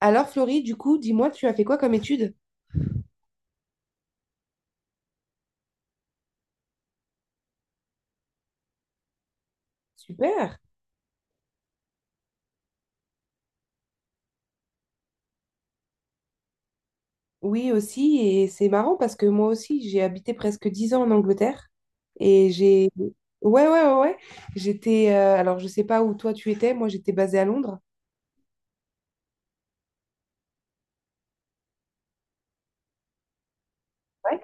Alors, Florie, du coup, dis-moi, tu as fait quoi comme étude? Super. Oui, aussi, et c'est marrant parce que moi aussi, j'ai habité presque 10 ans en Angleterre et j'ai. Ouais, ouais, ouais, ouais. Alors, je sais pas où toi tu étais, moi j'étais basée à Londres. Ouais,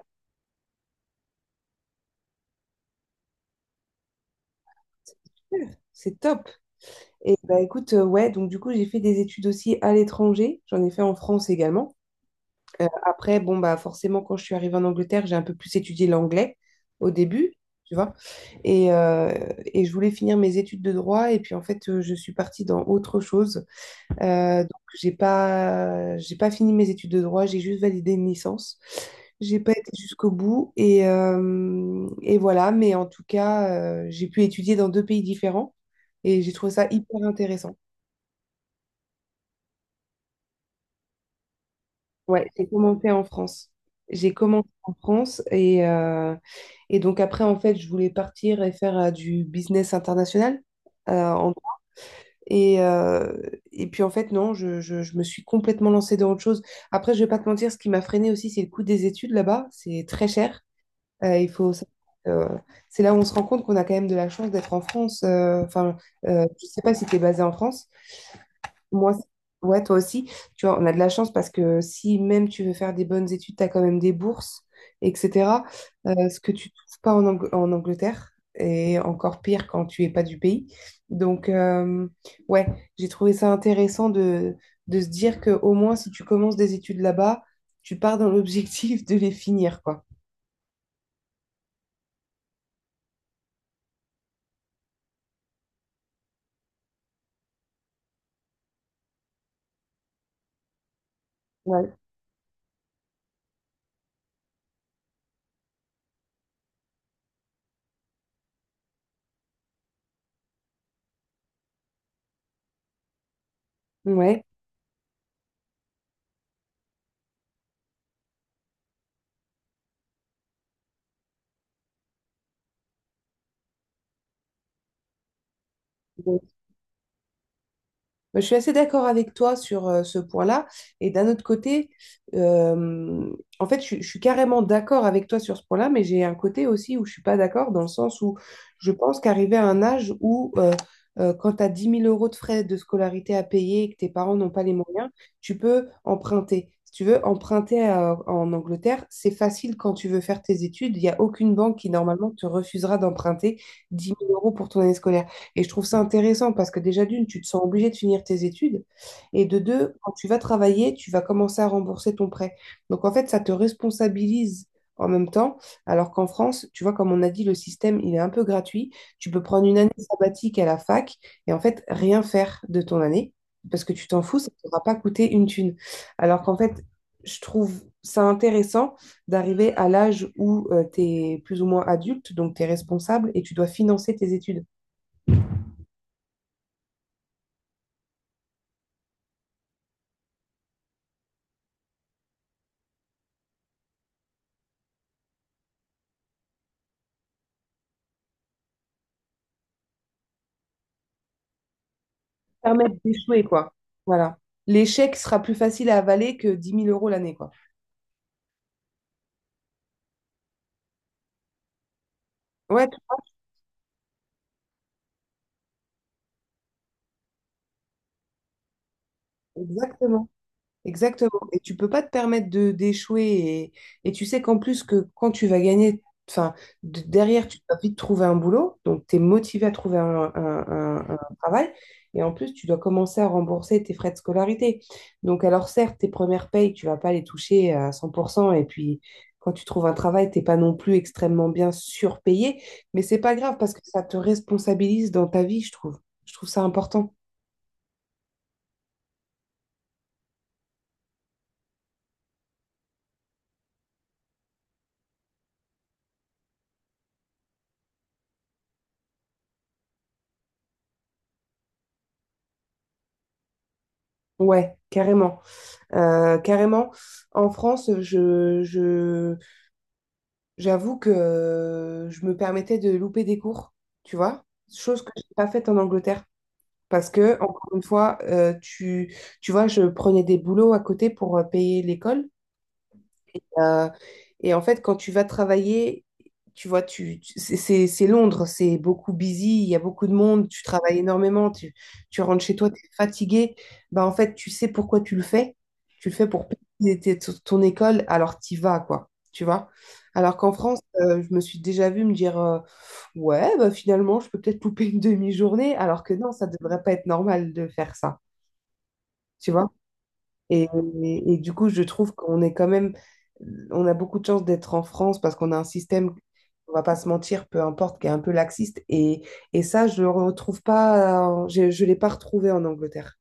super. C'est top. Et bah écoute, ouais, donc du coup, j'ai fait des études aussi à l'étranger. J'en ai fait en France également. Après, bon, bah, forcément, quand je suis arrivée en Angleterre, j'ai un peu plus étudié l'anglais au début, tu vois. Et, euh, et je voulais finir mes études de droit, et puis en fait, je suis partie dans autre chose. Donc, j'ai pas fini mes études de droit, j'ai juste validé une licence. J'ai pas été jusqu'au bout, et voilà. Mais en tout cas, j'ai pu étudier dans deux pays différents, et j'ai trouvé ça hyper intéressant. Ouais, j'ai commencé en France. J'ai commencé en France et donc après, en fait, je voulais partir et faire du business international. euh, en- et, euh, et puis en fait, non, je me suis complètement lancée dans autre chose. Après, je vais pas te mentir, ce qui m'a freinée aussi, c'est le coût des études là-bas. C'est très cher. Il faut savoir, euh, c'est là où on se rend compte qu'on a quand même de la chance d'être en France. Enfin, je sais pas si tu es basée en France. Moi, aussi. Ouais, toi aussi. Tu vois, on a de la chance parce que si même tu veux faire des bonnes études, tu as quand même des bourses, etc. Ce que tu ne trouves pas en, Angleterre, et encore pire quand tu es pas du pays. Donc, ouais, j'ai trouvé ça intéressant de se dire que au moins, si tu commences des études là-bas, tu pars dans l'objectif de les finir, quoi. Ouais. Ouais. Bah, je suis assez d'accord avec toi sur ce point-là. Et d'un autre côté, euh, en fait, je suis carrément d'accord avec toi sur ce point-là, mais j'ai un côté aussi où je suis pas d'accord, dans le sens où je pense qu'arriver à un âge où, quand tu as 10 000 euros de frais de scolarité à payer et que tes parents n'ont pas les moyens, tu peux emprunter. Si tu veux emprunter en Angleterre, c'est facile quand tu veux faire tes études. Il n'y a aucune banque qui, normalement, te refusera d'emprunter 10 000 euros pour ton année scolaire. Et je trouve ça intéressant parce que déjà, d'une, tu te sens obligé de finir tes études. Et de deux, quand tu vas travailler, tu vas commencer à rembourser ton prêt. Donc, en fait, ça te responsabilise en même temps. Alors qu'en France, tu vois, comme on a dit, le système, il est un peu gratuit. Tu peux prendre une année sabbatique à la fac et en fait, rien faire de ton année parce que tu t'en fous, ça ne t'aura pas coûté une thune. Alors qu'en fait, je trouve ça intéressant d'arriver à l'âge où tu es plus ou moins adulte, donc tu es responsable et tu dois financer tes études. Permettre d'échouer, quoi. Voilà. L'échec sera plus facile à avaler que 10 000 euros l'année, quoi. Ouais, exactement. Exactement. Et tu peux pas te permettre de d'échouer. Et tu sais qu'en plus que quand tu vas gagner, enfin, derrière, tu vas vite trouver un boulot. Donc, tu es motivé à trouver un travail. Et en plus, tu dois commencer à rembourser tes frais de scolarité. Donc, alors certes, tes premières payes, tu vas pas les toucher à 100%. Et puis, quand tu trouves un travail, t'es pas non plus extrêmement bien surpayé. Mais c'est pas grave parce que ça te responsabilise dans ta vie, je trouve. Je trouve ça important. Ouais, carrément. Carrément, en France, j'avoue que je me permettais de louper des cours, tu vois, chose que je n'ai pas faite en Angleterre. Parce que, encore une fois, tu vois, je prenais des boulots à côté pour payer l'école. Euh, et en fait, quand tu vas travailler, tu vois, c'est Londres, c'est beaucoup busy, il y a beaucoup de monde, tu travailles énormément, tu rentres chez toi, tu es fatigué. Bah, en fait, tu sais pourquoi tu le fais. Tu le fais pour payer ton école, alors t'y vas, quoi. Tu vois? Alors qu'en France, je me suis déjà vue me dire ouais, bah, finalement, je peux peut-être louper une demi-journée, alors que non, ça devrait pas être normal de faire ça. Tu vois? Et, et du coup, je trouve qu'on est quand même, on a beaucoup de chance d'être en France parce qu'on a un système, on va pas se mentir, peu importe, qui est un peu laxiste. Et ça, je le retrouve pas, je l'ai pas retrouvé en Angleterre.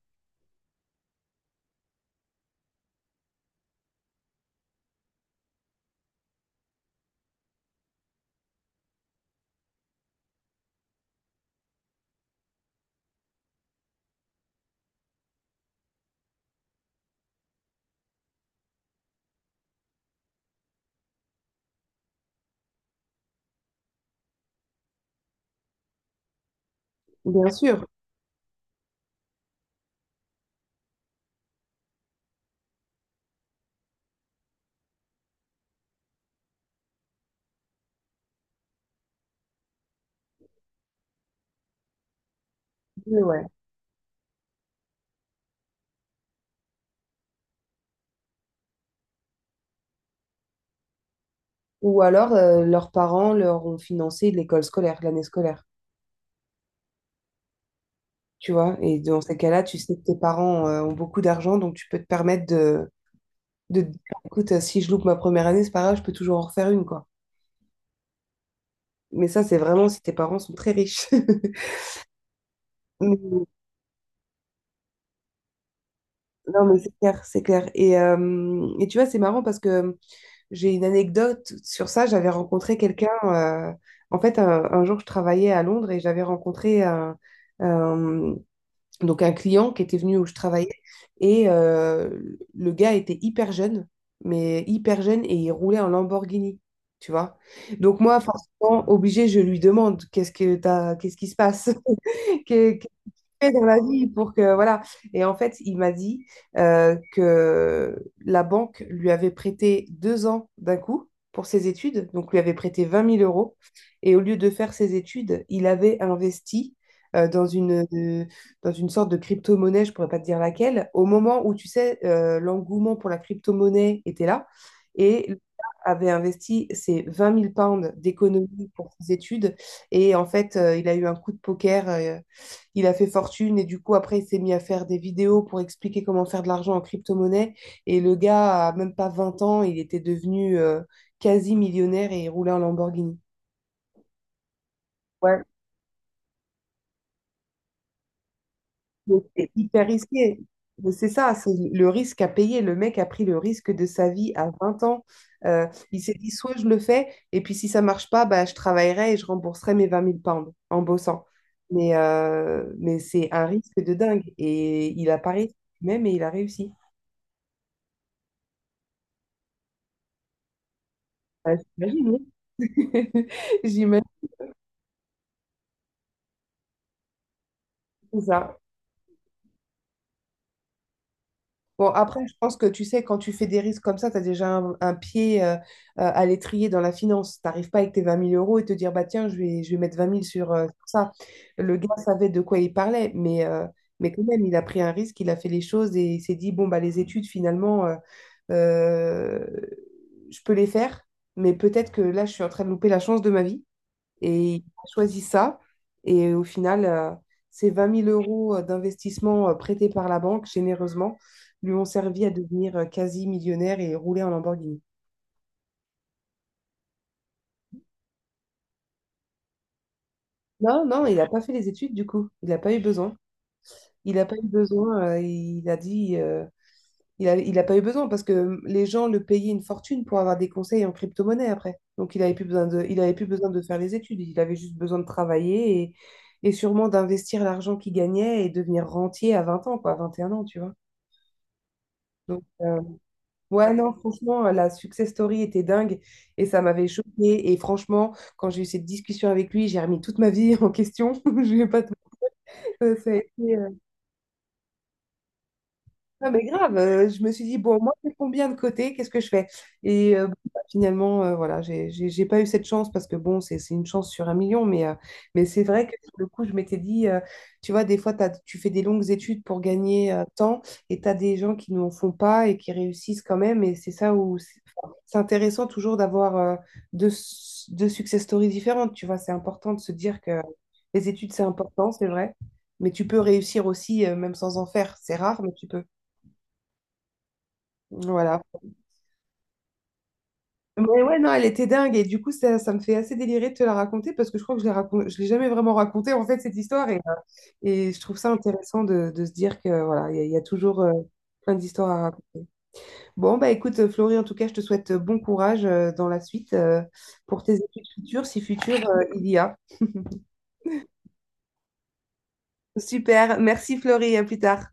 Bien sûr, oui, ouais. Ou alors, leurs parents leur ont financé l'école scolaire, l'année scolaire, tu vois. Et dans ces cas-là, tu sais que tes parents, ont beaucoup d'argent, donc tu peux te permettre de te dire, écoute, si je loupe ma première année, c'est pas grave, je peux toujours en refaire une, quoi. Mais ça, c'est vraiment si tes parents sont très riches. Mais non, mais c'est clair, c'est clair. Et tu vois, c'est marrant parce que j'ai une anecdote sur ça. J'avais rencontré quelqu'un. En fait, un jour, je travaillais à Londres et j'avais rencontré un- donc un client qui était venu où je travaillais. Et le gars était hyper jeune, mais hyper jeune et il roulait en Lamborghini. Tu vois? Donc, moi, forcément, obligé, je lui demande qu'est-ce que t'as, qu'est-ce qui se passe? fait dans la vie pour que voilà. Et en fait, il m'a dit que la banque lui avait prêté 2 ans d'un coup pour ses études, donc lui avait prêté 20 000 euros. Et au lieu de faire ses études, il avait investi euh, dans une, euh, dans une sorte de crypto-monnaie, je pourrais pas te dire laquelle, au moment où tu sais, l'engouement pour la crypto-monnaie était là. Et le gars avait investi ses 20 000 pounds d'économie pour ses études. Et en fait, il a eu un coup de poker. Il a fait fortune et du coup après il s'est mis à faire des vidéos pour expliquer comment faire de l'argent en crypto-monnaie et le gars a même pas 20 ans, il était devenu quasi millionnaire et il roulait en Lamborghini. Ouais, donc c'est hyper risqué. Mais c'est ça, c'est le risque à payer. Le mec a pris le risque de sa vie à 20 ans. Il s'est dit, soit je le fais, et puis si ça marche pas, bah, je travaillerai et je rembourserai mes 20 000 pounds en bossant. Mais c'est un risque de dingue. Et il a parié même et il a réussi. Ouais, j'imagine, j'imagine ça. Bon, après, je pense que tu sais, quand tu fais des risques comme ça, tu as déjà un pied à l'étrier dans la finance. Tu n'arrives pas avec tes 20 000 euros et te dire, bah tiens, je vais mettre vingt mille sur ça. Le gars savait de quoi il parlait, mais quand même, il a pris un risque, il a fait les choses et il s'est dit, bon, bah les études, finalement, euh, je peux les faire, mais peut-être que là, je suis en train de louper la chance de ma vie. Et il a choisi ça. Et au final, ces 20 000 euros d'investissement prêtés par la banque généreusement lui ont servi à devenir quasi millionnaire et rouler en Lamborghini. Non, non, il n'a pas fait les études du coup. Il n'a pas eu besoin. Il n'a pas eu besoin. Il a dit. Il a pas eu besoin parce que les gens le payaient une fortune pour avoir des conseils en crypto-monnaie après. Donc il n'avait plus besoin de, il avait plus besoin de faire les études. Il avait juste besoin de travailler et sûrement d'investir l'argent qu'il gagnait et devenir rentier à 20 ans, quoi, à 21 ans, tu vois. Donc, ouais, non, franchement, la success story était dingue et ça m'avait choquée. Et franchement, quand j'ai eu cette discussion avec lui, j'ai remis toute ma vie en question. Je vais pas te. Euh, ça a été, euh, Non, mais grave, je me suis dit, bon, moi, j'ai combien de côté, qu'est-ce que je fais? Et bon, bah, finalement, voilà, j'ai pas eu cette chance parce que, bon, c'est une chance sur un million, mais c'est vrai que sur le coup, je m'étais dit, tu vois, des fois, tu fais des longues études pour gagner tant et tu as des gens qui n'en font pas et qui réussissent quand même. Et c'est ça où c'est enfin, c'est intéressant toujours d'avoir deux success stories différentes, tu vois, c'est important de se dire que les études, c'est important, c'est vrai, mais tu peux réussir aussi, même sans en faire, c'est rare, mais tu peux. Voilà. Mais ouais, non, elle était dingue. Et du coup, ça me fait assez délirer de te la raconter parce que je crois que je l'ai je l'ai jamais vraiment racontée, en fait, cette histoire. Et je trouve ça intéressant de, se dire que voilà, il y a toujours plein d'histoires à raconter. Bon, bah écoute, Florie, en tout cas, je te souhaite bon courage dans la suite pour tes études futures, si futures il y a. Super. Merci, Florie. À plus tard.